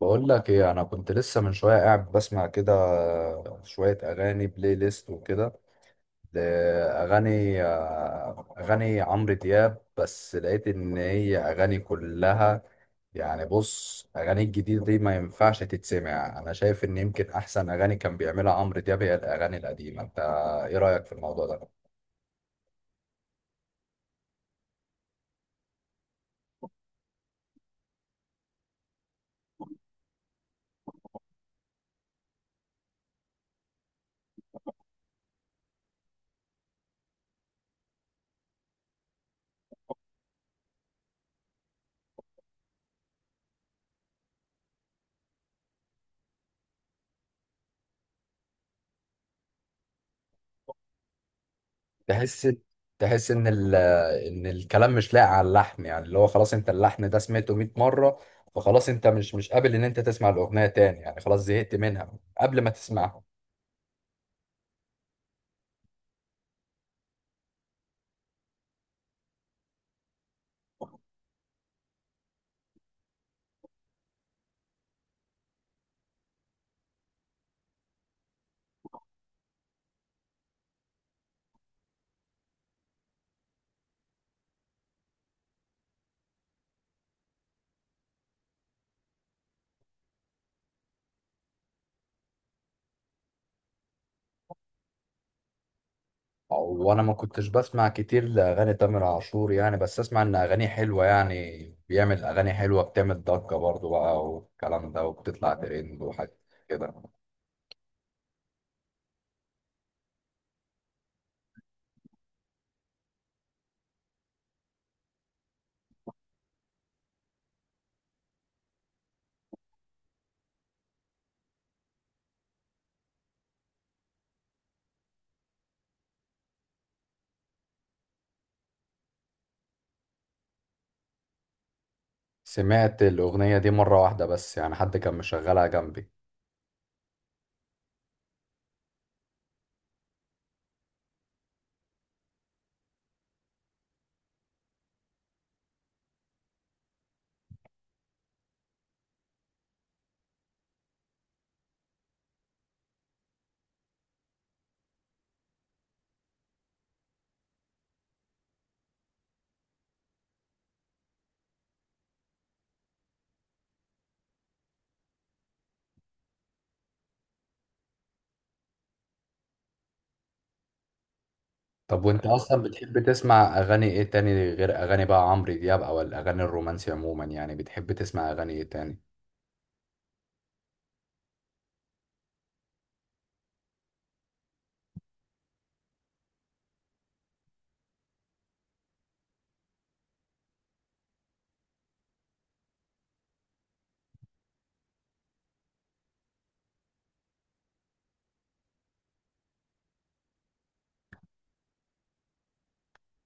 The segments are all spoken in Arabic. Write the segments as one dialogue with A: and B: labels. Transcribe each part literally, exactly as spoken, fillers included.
A: بقول لك ايه، انا كنت لسه من شويه قاعد بسمع كده شويه اغاني بلاي ليست وكده. اغاني اغاني عمرو دياب، بس لقيت ان هي اغاني كلها يعني. بص، اغاني الجديده دي ما ينفعش تتسمع. انا شايف ان يمكن احسن اغاني كان بيعملها عمرو دياب هي الاغاني القديمه. انت ايه رايك في الموضوع ده؟ تحس تحس ان ال... ان الكلام مش لاقي على اللحن، يعني اللي هو خلاص انت اللحن ده سمعته مية مره، فخلاص انت مش مش قابل ان انت تسمع الاغنيه تاني، يعني خلاص زهقت منها قبل ما تسمعها. وانا ما كنتش بسمع كتير لاغاني تامر عاشور يعني، بس اسمع ان اغانيه حلوه، يعني بيعمل اغاني حلوه بتعمل ضجه برضو بقى والكلام ده، وبتطلع ترند وحاجات كده. سمعت الاغنيه دي مره واحده بس، يعني حد كان مشغلها جنبي. طب وانت اصلا بتحب تسمع اغاني ايه تاني غير اغاني بقى عمرو دياب او الاغاني الرومانسي عموما؟ يعني بتحب تسمع اغاني ايه تاني؟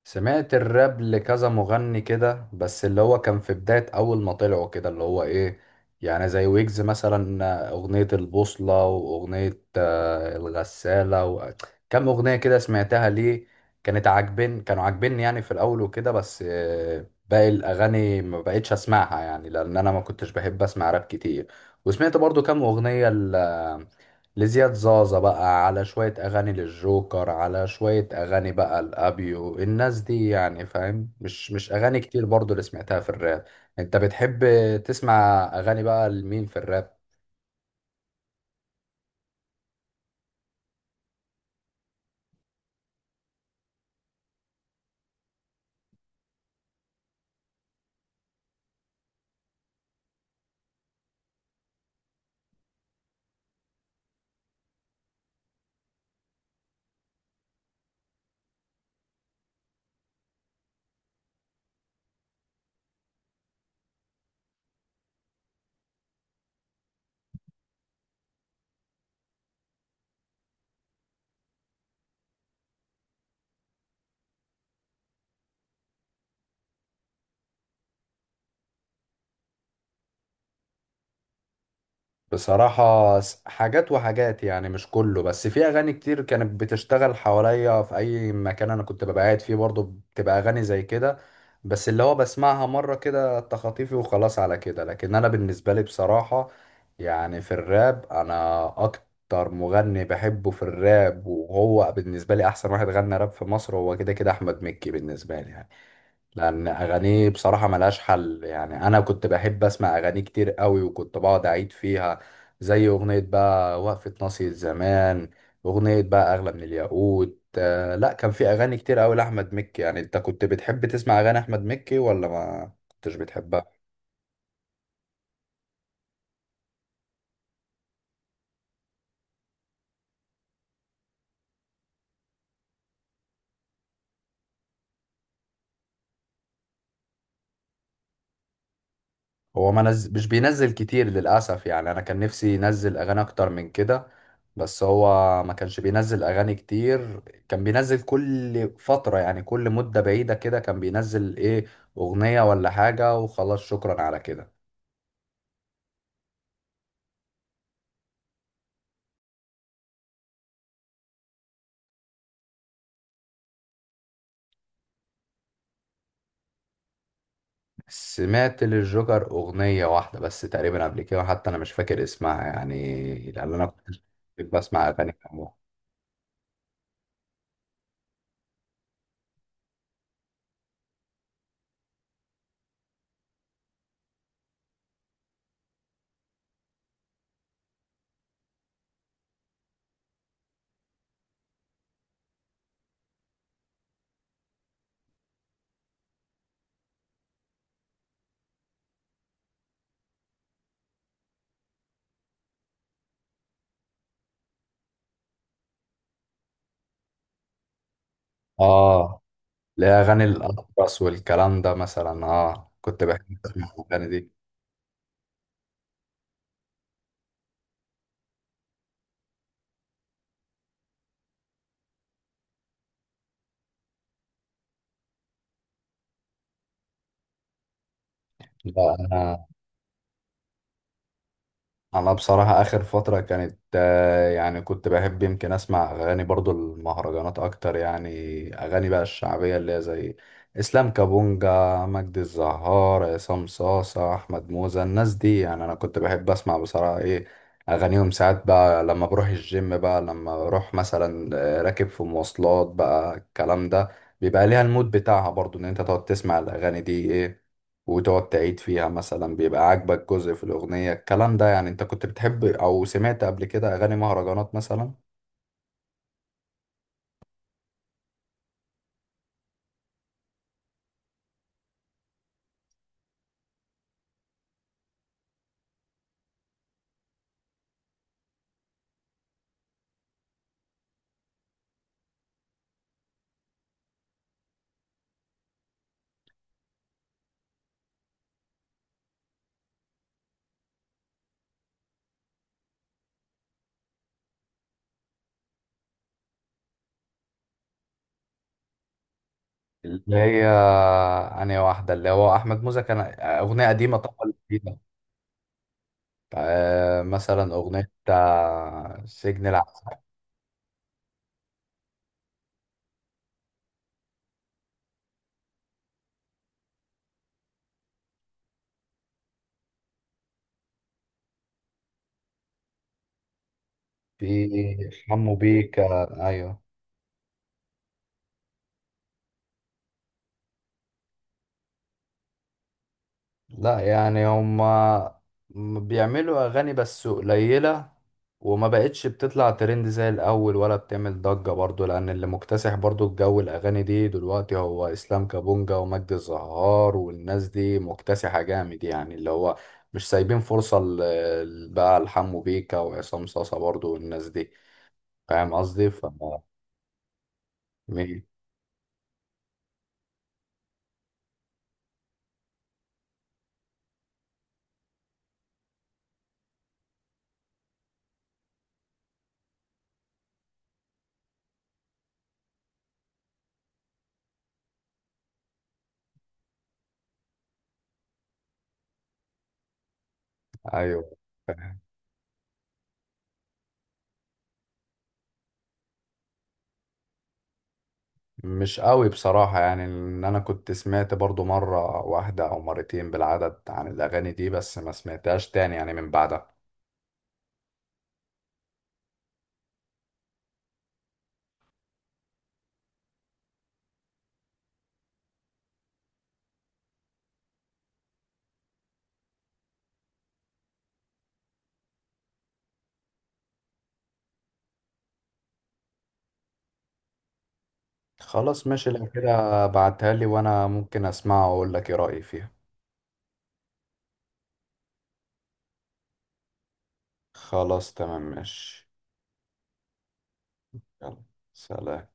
A: سمعت الراب لكذا مغني كده، بس اللي هو كان في بداية أول ما طلعوا كده اللي هو إيه، يعني زي ويجز مثلا أغنية البوصلة وأغنية آه، الغسالة و... كم أغنية كده سمعتها ليه، كانت عاجبين كانوا عاجبيني يعني في الأول وكده، بس آه، باقي الأغاني ما بقتش أسمعها يعني، لأن أنا ما كنتش بحب أسمع راب كتير. وسمعت برضو كم أغنية لزياد زازا بقى، على شوية أغاني للجوكر، على شوية أغاني بقى الأبيو الناس دي يعني، فاهم؟ مش مش أغاني كتير برضو اللي سمعتها في الراب. أنت بتحب تسمع أغاني بقى لمين في الراب؟ بصراحة س- حاجات وحاجات يعني، مش كله، بس في أغاني كتير كانت بتشتغل حواليا في أي مكان أنا كنت ببقى قاعد فيه برضو، بتبقى أغاني زي كده، بس اللي هو بسمعها مرة كده تخاطيفي وخلاص على كده. لكن أنا بالنسبة لي بصراحة يعني في الراب، أنا أكتر مغني بحبه في الراب وهو بالنسبة لي أحسن واحد غنى راب في مصر هو كده كده أحمد مكي بالنسبة لي يعني. لان اغانيه بصراحه ملهاش حل يعني، انا كنت بحب اسمع اغانيه كتير قوي وكنت بقعد اعيد فيها، زي اغنيه بقى وقفه ناصية زمان، اغنيه بقى اغلى من الياقوت. آه لا، كان في اغاني كتير قوي لاحمد مكي يعني. انت كنت بتحب تسمع اغاني احمد مكي ولا ما كنتش بتحبها؟ هو ما نز... مش بينزل كتير للأسف يعني، أنا كان نفسي ينزل أغاني أكتر من كده، بس هو ما كانش بينزل أغاني كتير، كان بينزل كل فترة يعني كل مدة بعيدة كده، كان بينزل إيه أغنية ولا حاجة وخلاص، شكرا على كده. سمعت للجوكر أغنية واحدة بس تقريبا قبل كده، حتى أنا مش فاكر اسمها يعني، لأن أنا كنت بسمع أغاني كتير. آه لا، أغاني الأطرس والكلام ده مثلا، آه كنت بحب أسمع الأغاني دي. لا انا بصراحة اخر فترة كانت آه، يعني كنت بحب يمكن اسمع اغاني برضو المهرجانات اكتر يعني، اغاني بقى الشعبية اللي هي زي اسلام كابونجا، مجدي الزهار، عصام صاصة، احمد موزة، الناس دي يعني. انا كنت بحب اسمع بصراحة ايه اغانيهم ساعات بقى لما بروح الجيم بقى، لما بروح مثلا آه، راكب في مواصلات بقى الكلام ده، بيبقى ليها المود بتاعها برضو ان انت تقعد تسمع الاغاني دي ايه، وتقعد تعيد فيها، مثلا بيبقى عاجبك جزء في الأغنية الكلام ده يعني. انت كنت بتحب او سمعت قبل كده اغاني مهرجانات مثلا اللي هي أنهي واحدة اللي هو أحمد موزة، كان أغنية قديمة طبعا جديدة آه، مثلا أغنية آه، سجن العسل. في حمو بيكا، أيوه. لا يعني هما م- بيعملوا اغاني بس قليلة، وما بقتش بتطلع ترند زي الاول ولا بتعمل ضجة برضو، لان اللي مكتسح برضو الجو الاغاني دي دلوقتي هو اسلام كابونجا ومجدي الزهار والناس دي، مكتسحة جامد يعني، اللي هو مش سايبين فرصة ل- ل- بقى لحمو بيكا وعصام صاصا برضو والناس دي، فاهم قصدي؟ ف مين؟ ايوه. مش قوي بصراحة يعني، ان انا كنت سمعت برضو مرة واحدة او مرتين بالعدد عن الاغاني دي، بس ما سمعتهاش تاني يعني من بعدها. خلاص ماشي لو كده، بعتها لي وانا ممكن اسمعها واقول لك ايه رأيي فيها. خلاص تمام ماشي، يلا سلام.